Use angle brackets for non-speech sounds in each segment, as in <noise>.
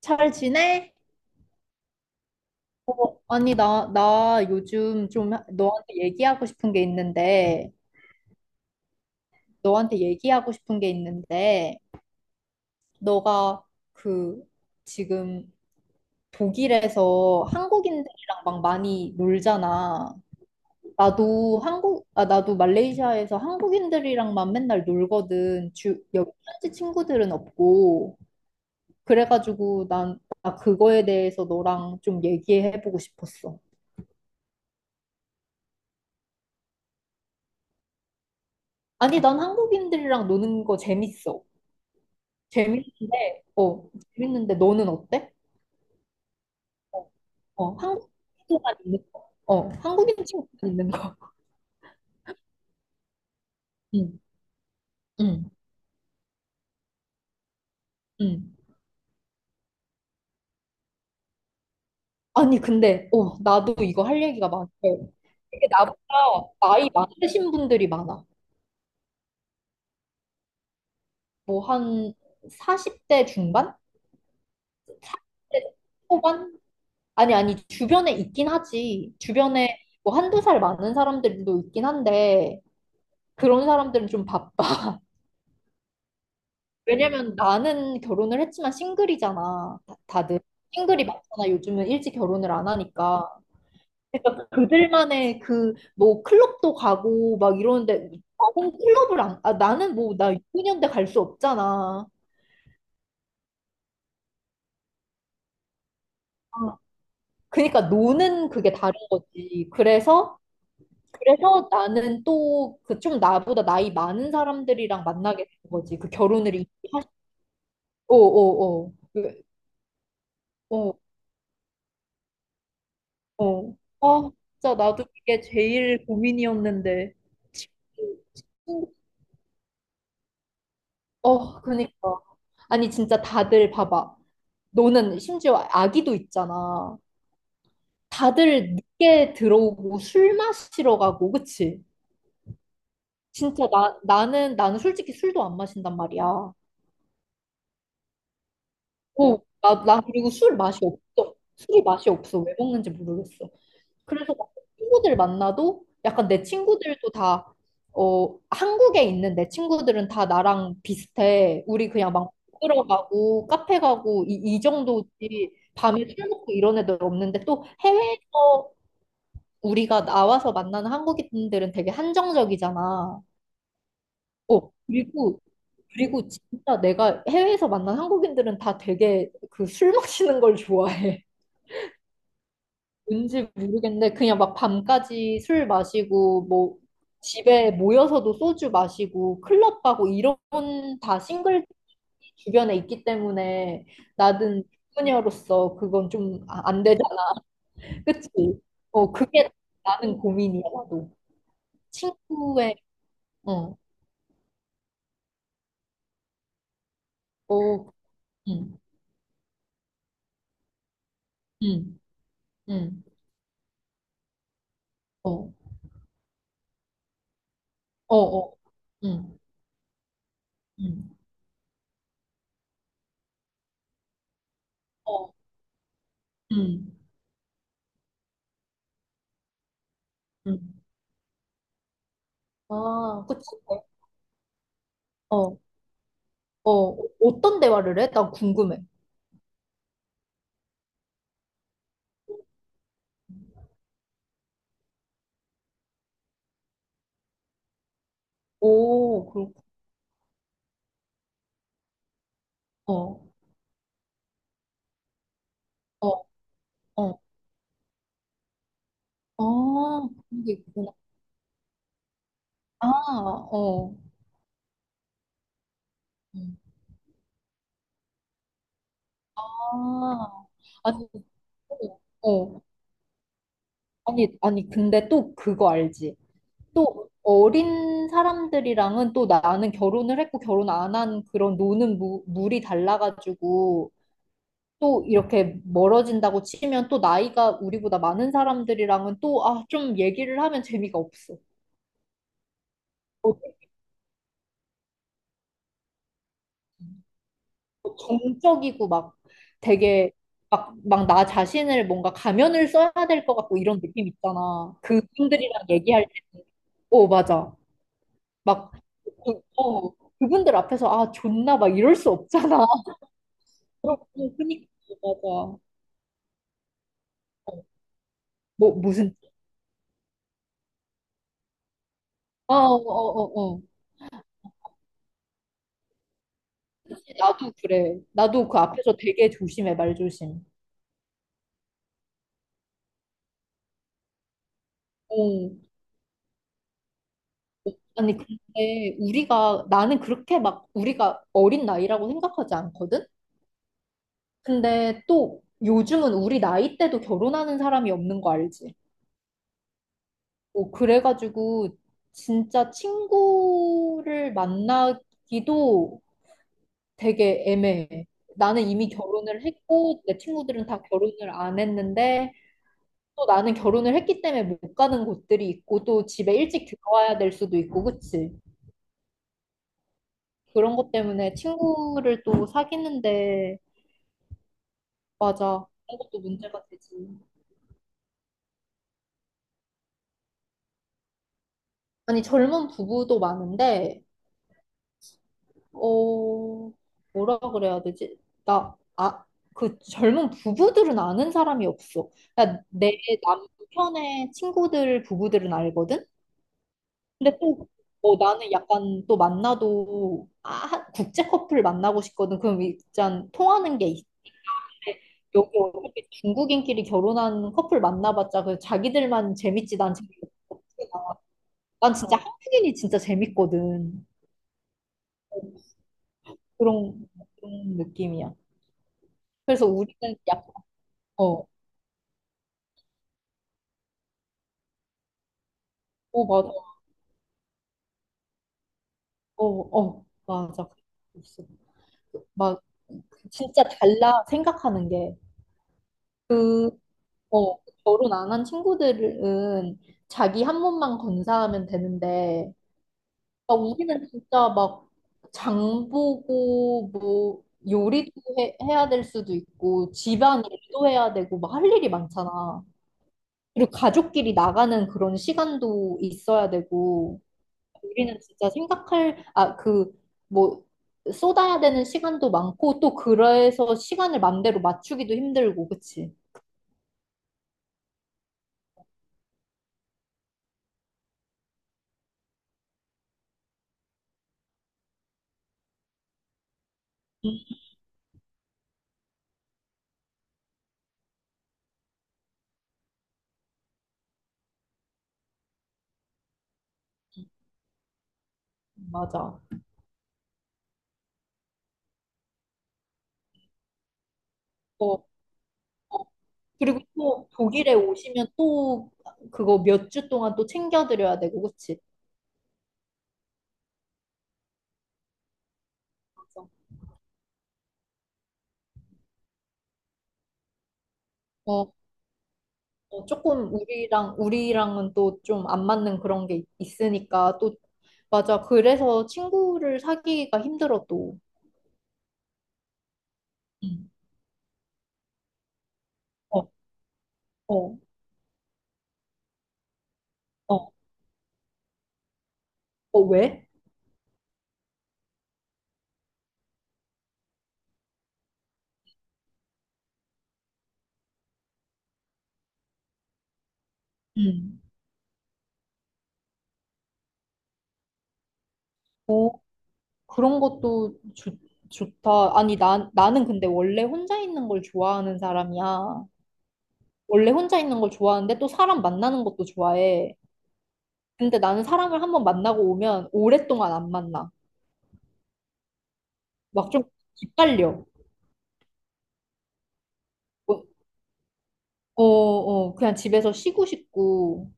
잘 지내? 어, 아니, 나 요즘 좀 너한테 얘기하고 싶은 게 있는데, 너한테 얘기하고 싶은 게 있는데, 너가 그 지금 독일에서 한국인들이랑 막 많이 놀잖아. 나도 한국, 아, 나도 말레이시아에서 한국인들이랑만 맨날 놀거든. 주, 여기 현지 친구들은 없고. 그래가지고 나 그거에 대해서 너랑 좀 얘기해보고 싶었어. 아니, 난 한국인들이랑 노는 거 재밌어. 재밌는데, 어, 재밌는데 너는 어때? 어, 한국인 친구만 있는 거. 어, 한국인 친구만 있는 거. 응, 응, 응. 아니, 근데, 어, 나도 이거 할 얘기가 많아요. 이게 나보다 나이 많으신 분들이 많아. 뭐, 한 40대 중반? 40대 초반? 아니, 아니, 주변에 있긴 하지. 주변에 뭐 한두 살 많은 사람들도 있긴 한데, 그런 사람들은 좀 바빠. 왜냐면 나는 결혼을 했지만 싱글이잖아. 다들 싱글이 많잖아. 요즘은 일찍 결혼을 안 하니까. 그러니까 그들만의 그 뭐 클럽도 가고 막 이러는데 나는 클럽을 안, 아, 나는 뭐 나 6년대 갈 수 없잖아. 아, 그러니까 노는 그게 다른 거지. 그래서 그래서 나는 또 그 좀 나보다 나이 많은 사람들이랑 만나게 된 거지. 어, 어, 어. 그- 어. 어. 아, 진짜 나도 이게 제일 고민이었는데. 어, 그니까. 아니, 진짜 다들 봐봐. 너는 심지어 아기도 있잖아. 다들 늦게 들어오고 술 마시러 가고, 그치? 진짜 나는 솔직히 술도 안 마신단 말이야. 어, 나 그리고 술 맛이 없어. 술이 맛이 없어. 왜 먹는지 모르겠어. 그래서 막 친구들 만나도 약간 내 친구들도 다, 어, 한국에 있는 내 친구들은 다 나랑 비슷해. 우리 그냥 막 들어가고 카페 가고 이 정도지. 밤에 술 먹고 이런 애들 없는데 또 해외에서 우리가 나와서 만나는 한국인들은 되게 한정적이잖아. 어, 그리고 그리고 진짜 내가 해외에서 만난 한국인들은 다 되게 그 술 마시는 걸 좋아해. 뭔지 모르겠는데 그냥 막 밤까지 술 마시고 뭐 집에 모여서도 소주 마시고 클럽 가고 이런 다 싱글 주변에 있기 때문에 나는 소녀로서 그건 좀 아, 안 되잖아. 그치? 어 그게 나는 고민이야 나도. 친구의 어, 어, 음, 음, 음, 어, 어, 어, 음, 음, 어, 음, 음. 아, 그치? 어, 어, 어, 어떤 대화를 해? 난 궁금해. 오, 그렇고. 어, 어, 어. 아, 그런 게 있구나. 아, 어. 음. 아, 아니, 어. 어. 아니, 아니, 근데 또 그거 알지? 또 어린 사람들이랑은 또 나는 결혼을 했고 결혼 안 한 그런 노는 물이 달라가지고 또 이렇게 멀어진다고 치면 또 나이가 우리보다 많은 사람들이랑은 또, 아, 좀 얘기를 하면 재미가 없어. 어, 정적이고 막 되게 막 나 자신을 뭔가 가면을 써야 될 것 같고 이런 느낌 있잖아. 그분들이랑 얘기할 때. 어, 맞아. 막, 그- 어, 그분들 앞에서 아, 존나 막 이럴 수 없잖아. <laughs> 그러니까, 맞아. 뭐, 무슨, 아, 어, 어, 어, 어. 나도 그래. 나도 그 앞에서 되게 조심해, 말조심. 어. 아니, 근데 우리가, 나는 그렇게 막 우리가 어린 나이라고 생각하지 않거든? 근데 또 요즘은 우리 나이 때도 결혼하는 사람이 없는 거 알지? 뭐 그래가지고 진짜 친구를 만나기도 되게 애매해. 나는 이미 결혼을 했고 내 친구들은 다 결혼을 안 했는데 또 나는 결혼을 했기 때문에 못 가는 곳들이 있고 또 집에 일찍 들어와야 될 수도 있고 그치? 그런 것 때문에 친구를 또 사귀는데 맞아. 그런 것도 문제가 되지. 아니 젊은 부부도 많은데 어, 뭐라 그래야 되지? 나, 아, 그 젊은 부부들은 아는 사람이 없어. 그러니까 내 남편의 친구들 부부들은 알거든? 근데 또, 어, 나는 약간 또 만나도, 아, 한- 국제 커플 만나고 싶거든. 그럼 일단 통하는 게, 있- 여기 어차피 중국인끼리 결혼한 커플 만나봤자 그 자기들만 재밌지, 난 재밌거든. 난 진짜 한국인이 진짜 재밌거든. 그런, 그런 느낌이야. 그래서 우리는 약간, 어, 어, 맞아. 어, 어, 맞아. 있어. 막, 진짜 달라, 생각하는 게. 그, 어, 결혼 안 한 친구들은 자기 한 몸만 건사하면 되는데, 막 우리는 진짜 막, 장 보고, 뭐, 요리도 해야 될 수도 있고, 집안 일도 해야 되고, 막 할 일이 많잖아. 그리고 가족끼리 나가는 그런 시간도 있어야 되고, 우리는 진짜 생각할, 아, 그, 뭐, 쏟아야 되는 시간도 많고, 또 그래서 시간을 맘대로 맞추기도 힘들고, 그치? 음, 맞아. 어, 어. 그리고 또 독일에 오시면 또 그거 몇 주 동안 또 챙겨드려야 되고, 그치? 맞아. 어, 어, 조금 우리랑은 또 좀 안 맞는 그런 게 있- 있으니까, 또, 맞아. 그래서 친구를 사귀기가 힘들어, 또. 음. 어, 어, 어, 어, 왜? 음. 그런 것도 좋 좋다. 아니, 나는 근데 원래 혼자 있는 걸 좋아하는 사람이야. 원래 혼자 있는 걸 좋아하는데 또 사람 만나는 것도 좋아해. 근데 나는 사람을 한번 만나고 오면 오랫동안 안 만나. 막 좀 기빨려. 어, 어, 어, 그냥 집에서 쉬고 싶고,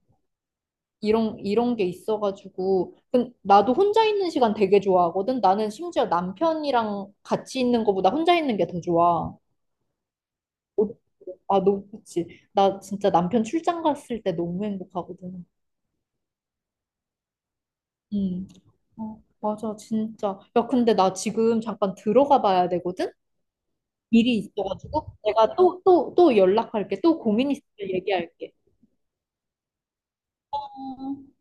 이런 게 있어가지고. 근 나도 혼자 있는 시간 되게 좋아하거든. 나는 심지어 남편이랑 같이 있는 것보다 혼자 있는 게 더 좋아. 아, 너무 좋지 나 진짜 남편 출장 갔을 때 너무 행복하거든. 음. 어, 맞아, 진짜. 야, 근데 나 지금 잠깐 들어가 봐야 되거든? 일이 있어가지고. 내가 또 연락할게. 또 고민 있을 때 얘기할게. 어.